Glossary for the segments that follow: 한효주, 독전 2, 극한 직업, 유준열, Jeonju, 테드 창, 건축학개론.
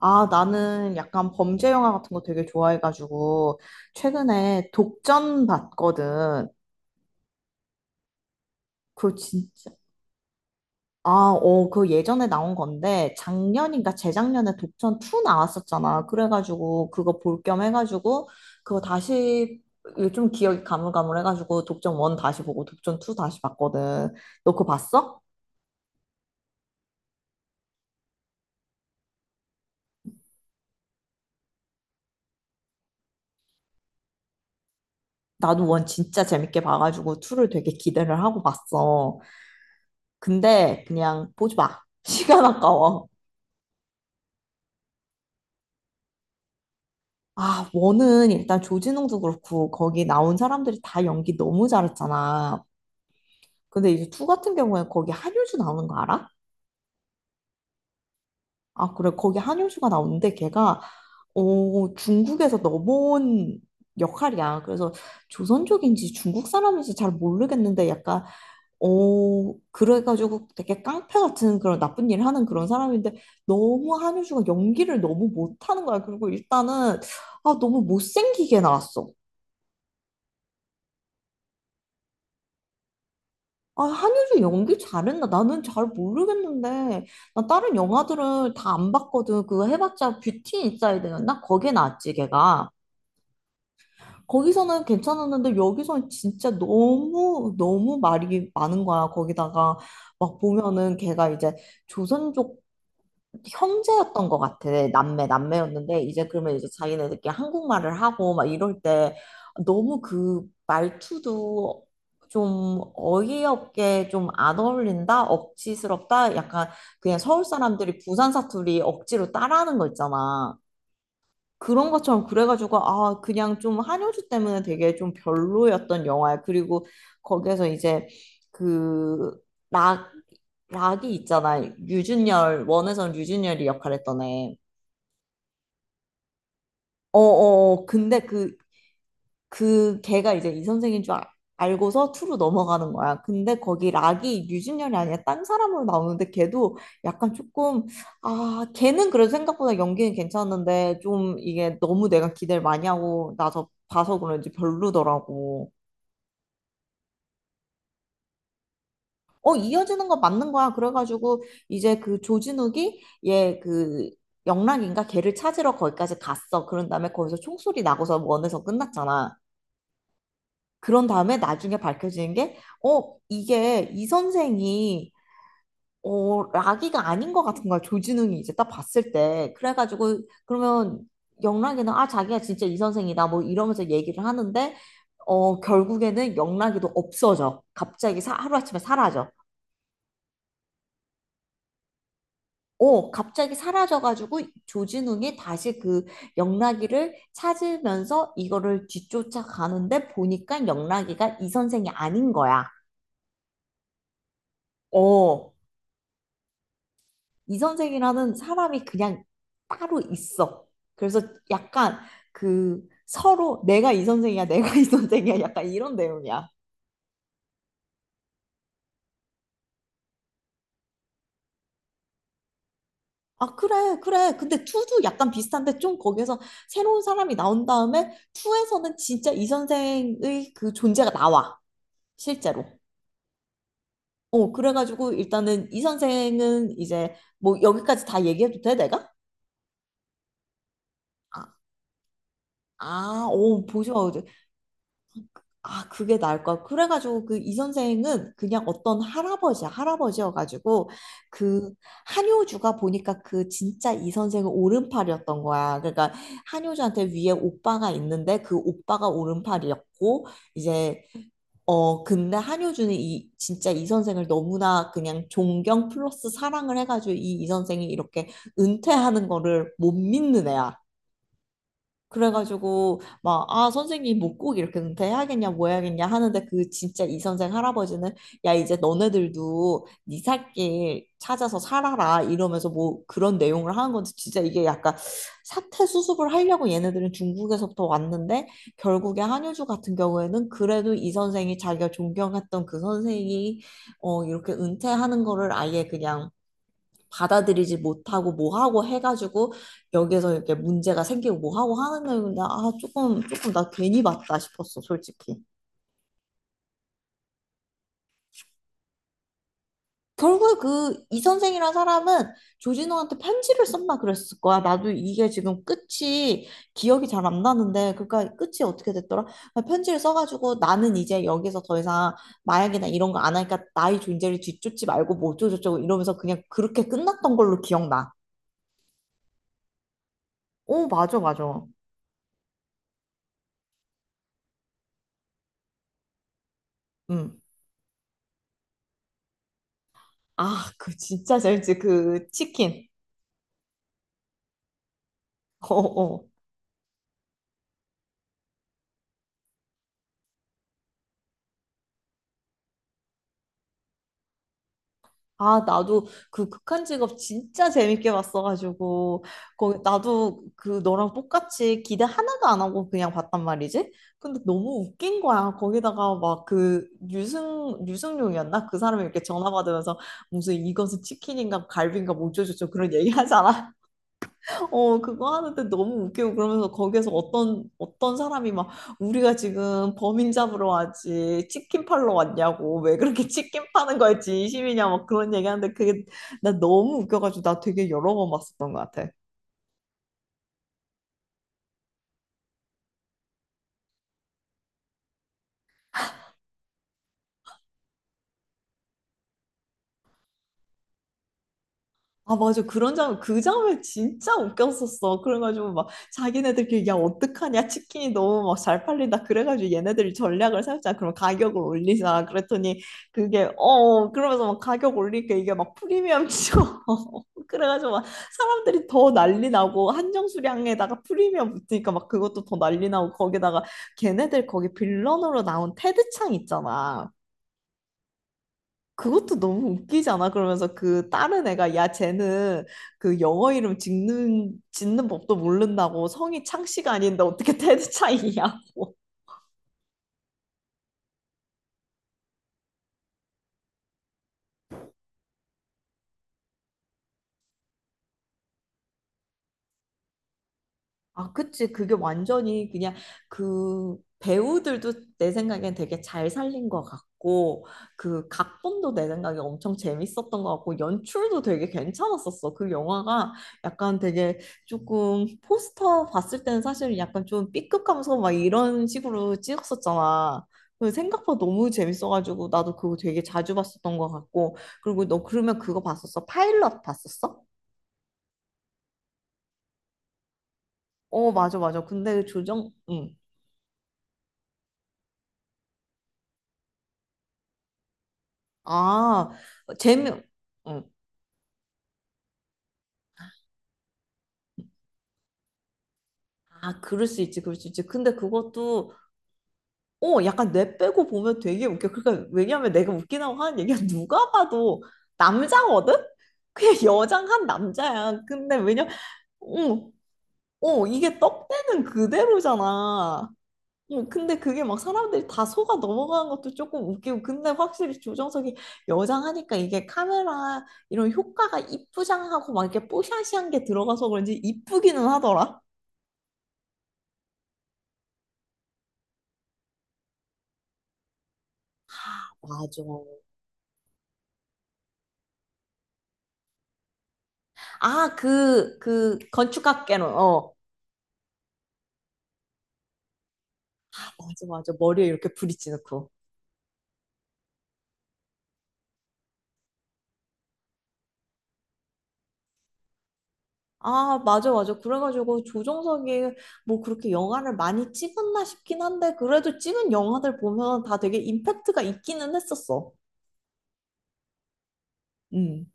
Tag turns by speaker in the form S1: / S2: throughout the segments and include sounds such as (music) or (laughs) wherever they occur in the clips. S1: 아, 나는 약간 범죄 영화 같은 거 되게 좋아해가지고, 최근에 독전 봤거든. 그거 진짜, 그 예전에 나온 건데, 작년인가 재작년에 독전 2 나왔었잖아. 그래가지고, 그거 볼 겸 해가지고, 그거 다시, 이게 좀 기억이 가물가물해가지고, 독전 1 다시 보고, 독전 2 다시 봤거든. 너 그거 봤어? 나도 원 진짜 재밌게 봐가지고, 2를 되게 기대를 하고 봤어. 근데, 그냥 보지 마. (laughs) 시간 아까워. 아, 원은 일단 조진웅도 그렇고 거기 나온 사람들이 다 연기 너무 잘했잖아. 근데 이제 투 같은 경우에 거기 한효주 나오는 거 알아? 아, 그래. 거기 한효주가 나오는데 걔가 중국에서 넘어온 역할이야. 그래서 조선족인지 중국 사람인지 잘 모르겠는데 약간 어, 그래가지고 되게 깡패 같은 그런 나쁜 일을 하는 그런 사람인데 너무 한효주가 연기를 너무 못하는 거야. 그리고 일단은 아, 너무 못생기게 나왔어. 아, 한효주 연기 잘했나? 나는 잘 모르겠는데. 나 다른 영화들을 다 안 봤거든. 그거 해봤자 뷰티 인사이드였나? 거기에 나왔지, 걔가. 거기서는 괜찮았는데 여기서는 진짜 너무 너무 말이 많은 거야. 거기다가 막 보면은 걔가 이제 조선족 형제였던 것 같아. 남매, 남매였는데, 이제 그러면 이제 자기네들끼리 한국말을 하고 막 이럴 때 너무 그 말투도 좀 어이없게 좀 안 어울린다? 억지스럽다? 약간 그냥 서울 사람들이 부산 사투리 억지로 따라하는 거 있잖아. 그런 것처럼 그래가지고 아 그냥 좀 한효주 때문에 되게 좀 별로였던 영화야. 그리고 거기에서 이제 그 락, 락이 있잖아. 유준열 원에선 유준열이 역할했던 애. 어어 근데 그 걔가 이제 이 선생인 줄 알고서 투로 넘어가는 거야. 근데 거기 락이 유진열이 아니라 딴 사람으로 나오는데 걔도 약간 조금 아 걔는 그래도 생각보다 연기는 괜찮았는데 좀 이게 너무 내가 기대를 많이 하고 나서 봐서 그런지 별로더라고. 어, 이어지는 거 맞는 거야. 그래가지고 이제 그 조진욱이 얘그 영락인가 걔를 찾으러 거기까지 갔어. 그런 다음에 거기서 총소리 나고서 원에서 끝났잖아. 그런 다음에 나중에 밝혀지는 게, 이게 이 선생이, 라기가 아닌 것 같은 거야. 조진웅이 이제 딱 봤을 때. 그래가지고, 그러면 영락이는, 아, 자기가 진짜 이 선생이다. 뭐 이러면서 얘기를 하는데, 결국에는 영락이도 없어져. 갑자기 하루아침에 사라져. 갑자기 사라져가지고 조진웅이 다시 그 영락이를 찾으면서 이거를 뒤쫓아 가는데 보니까 영락이가 이 선생이 아닌 거야. 어, 이 선생이라는 사람이 그냥 따로 있어. 그래서 약간 그 서로 내가 이 선생이야, 내가 이 선생이야, 약간 이런 내용이야. 아, 그래, 그래. 근데 투도 약간 비슷한데 좀 거기에서 새로운 사람이 나온 다음에 투에서는 진짜 이 선생의 그 존재가 나와, 실제로. 어, 그래가지고 일단은 이 선생은 이제 뭐 여기까지 다 얘기해도 돼, 내가? 아, 보셔. 아, 그게 나을 것. 그래가지고 그 이 선생은 그냥 어떤 할아버지야, 할아버지여가지고 그 한효주가 보니까 그 진짜 이 선생은 오른팔이었던 거야. 그러니까 한효주한테 위에 오빠가 있는데 그 오빠가 오른팔이었고 이제 어 근데 한효주는 이 진짜 이 선생을 너무나 그냥 존경 플러스 사랑을 해가지고 이 선생이 이렇게 은퇴하는 거를 못 믿는 애야. 그래가지고 막 아 선생님 못 꼭 이렇게 은퇴해야겠냐 뭐 해야겠냐 하는데 그 진짜 이 선생 할아버지는 야 이제 너네들도 네 살길 찾아서 살아라 이러면서 뭐 그런 내용을 하는 건데 진짜 이게 약간 사태 수습을 하려고 얘네들은 중국에서부터 왔는데 결국에 한효주 같은 경우에는 그래도 이 선생이 자기가 존경했던 그 선생이 어 이렇게 은퇴하는 거를 아예 그냥 받아들이지 못하고 뭐하고 해가지고 여기에서 이렇게 문제가 생기고 뭐하고 하는 거용데아 조금 나 괜히 봤다 싶었어 솔직히. 결국에 그 이 선생이란 사람은 조진호한테 편지를 썼나 그랬을 거야. 나도 이게 지금 끝이 기억이 잘 안 나는데 그러니까 끝이 어떻게 됐더라. 편지를 써가지고 나는 이제 여기서 더 이상 마약이나 이런 거 안 하니까 나의 존재를 뒤쫓지 말고 뭐 어쩌고저쩌고 이러면서 그냥 그렇게 끝났던 걸로 기억나. 오 맞아, 맞아. 응. 아, 그 진짜 잘지 그 치킨. 어, 어. 아, 나도 그 극한 직업 진짜 재밌게 봤어가지고 거기 나도 그 너랑 똑같이 기대 하나도 안 하고 그냥 봤단 말이지. 근데 너무 웃긴 거야. 거기다가 막 그 유승용이었나? 그 사람이 이렇게 전화 받으면서 무슨 이것은 치킨인가 갈비인가 뭐죠저죠 그런 얘기 하잖아. 어, 그거 하는데 너무 웃기고 그러면서 거기에서 어떤, 어떤 사람이 막 우리가 지금 범인 잡으러 왔지, 치킨 팔러 왔냐고, 왜 그렇게 (laughs) 치킨 파는 거에 진심이냐, 막 그런 얘기 하는데 그게 나 너무 웃겨가지고 나 되게 여러 번 봤었던 것 같아. 아, 맞아. 그런 장, 그 장면 진짜 웃겼었어. 그래가지고 막 자기네들끼리 야, 어떡하냐. 치킨이 너무 막 잘 팔린다. 그래가지고 얘네들이 전략을 세웠잖아. 그럼 가격을 올리자. 그랬더니 그게, 그러면서 막 가격 올리니까 이게 막 프리미엄 치고. (laughs) 그래가지고 막 사람들이 더 난리 나고 한정 수량에다가 프리미엄 붙으니까 막 그것도 더 난리 나고 거기다가 걔네들 거기 빌런으로 나온 테드 창 있잖아. 그것도 너무 웃기지 않아? 그러면서 그 다른 애가 야 쟤는 그 영어 이름 짓는 법도 모른다고 성이 창씨가 아닌데 어떻게 (laughs) 테드 차이냐고. 아, 그치. 그게 완전히 그냥 그 배우들도 내 생각엔 되게 잘 살린 것 같고, 그 각본도 내 생각에 엄청 재밌었던 것 같고, 연출도 되게 괜찮았었어. 그 영화가 약간 되게 조금 포스터 봤을 때는 사실 약간 좀 B급 감성 막 이런 식으로 찍었었잖아. 그 생각보다 너무 재밌어가지고 나도 그거 되게 자주 봤었던 것 같고 그리고 너 그러면 그거 봤었어? 파일럿 봤었어? 어 맞아, 맞아. 근데 조정 응. 아, 재미, 어. 아, 그럴 수 있지, 그럴 수 있지. 근데 그것도, 어, 약간 뇌 빼고 보면 되게 웃겨. 그러니까, 왜냐면 내가 웃기다고 하는 얘기가 누가 봐도 남자거든? 그냥 (laughs) 여장한 남자야. 근데 왜냐, 어, 어, 이게 떡대는 그대로잖아. 어, 근데 그게 막 사람들이 다 속아 넘어가는 것도 조금 웃기고. 근데 확실히 조정석이 여장하니까 이게 카메라 이런 효과가 이쁘장하고 막 이렇게 뽀샤시한 게 들어가서 그런지 이쁘기는 하더라. 맞아. 아, 그, 그, 건축학개론, 어. 맞아, 맞아. 머리에 이렇게 브릿지 넣고. 아, 맞아, 맞아. 그래가지고 조정석이 뭐 그렇게 영화를 많이 찍었나 싶긴 한데, 그래도 찍은 영화들 보면 다 되게 임팩트가 있기는 했었어. 음.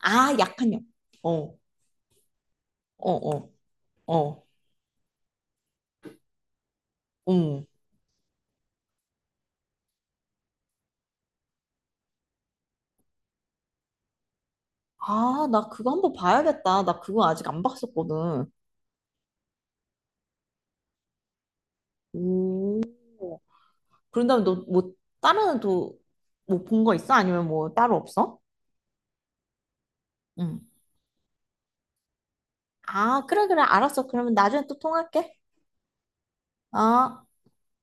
S1: 아, 약한 영. 어, 어, 어, 어, 음. 아, 나 그거 한번 봐야겠다. 나 그거 아직 안 봤었거든. 오. 그런 다음에 너 뭐 다른 또 뭐 본 거 있어? 아니면 뭐 따로 없어? 응. 아, 그래, 그래. 알았어. 그러면 나중에 또 통화할게. 어.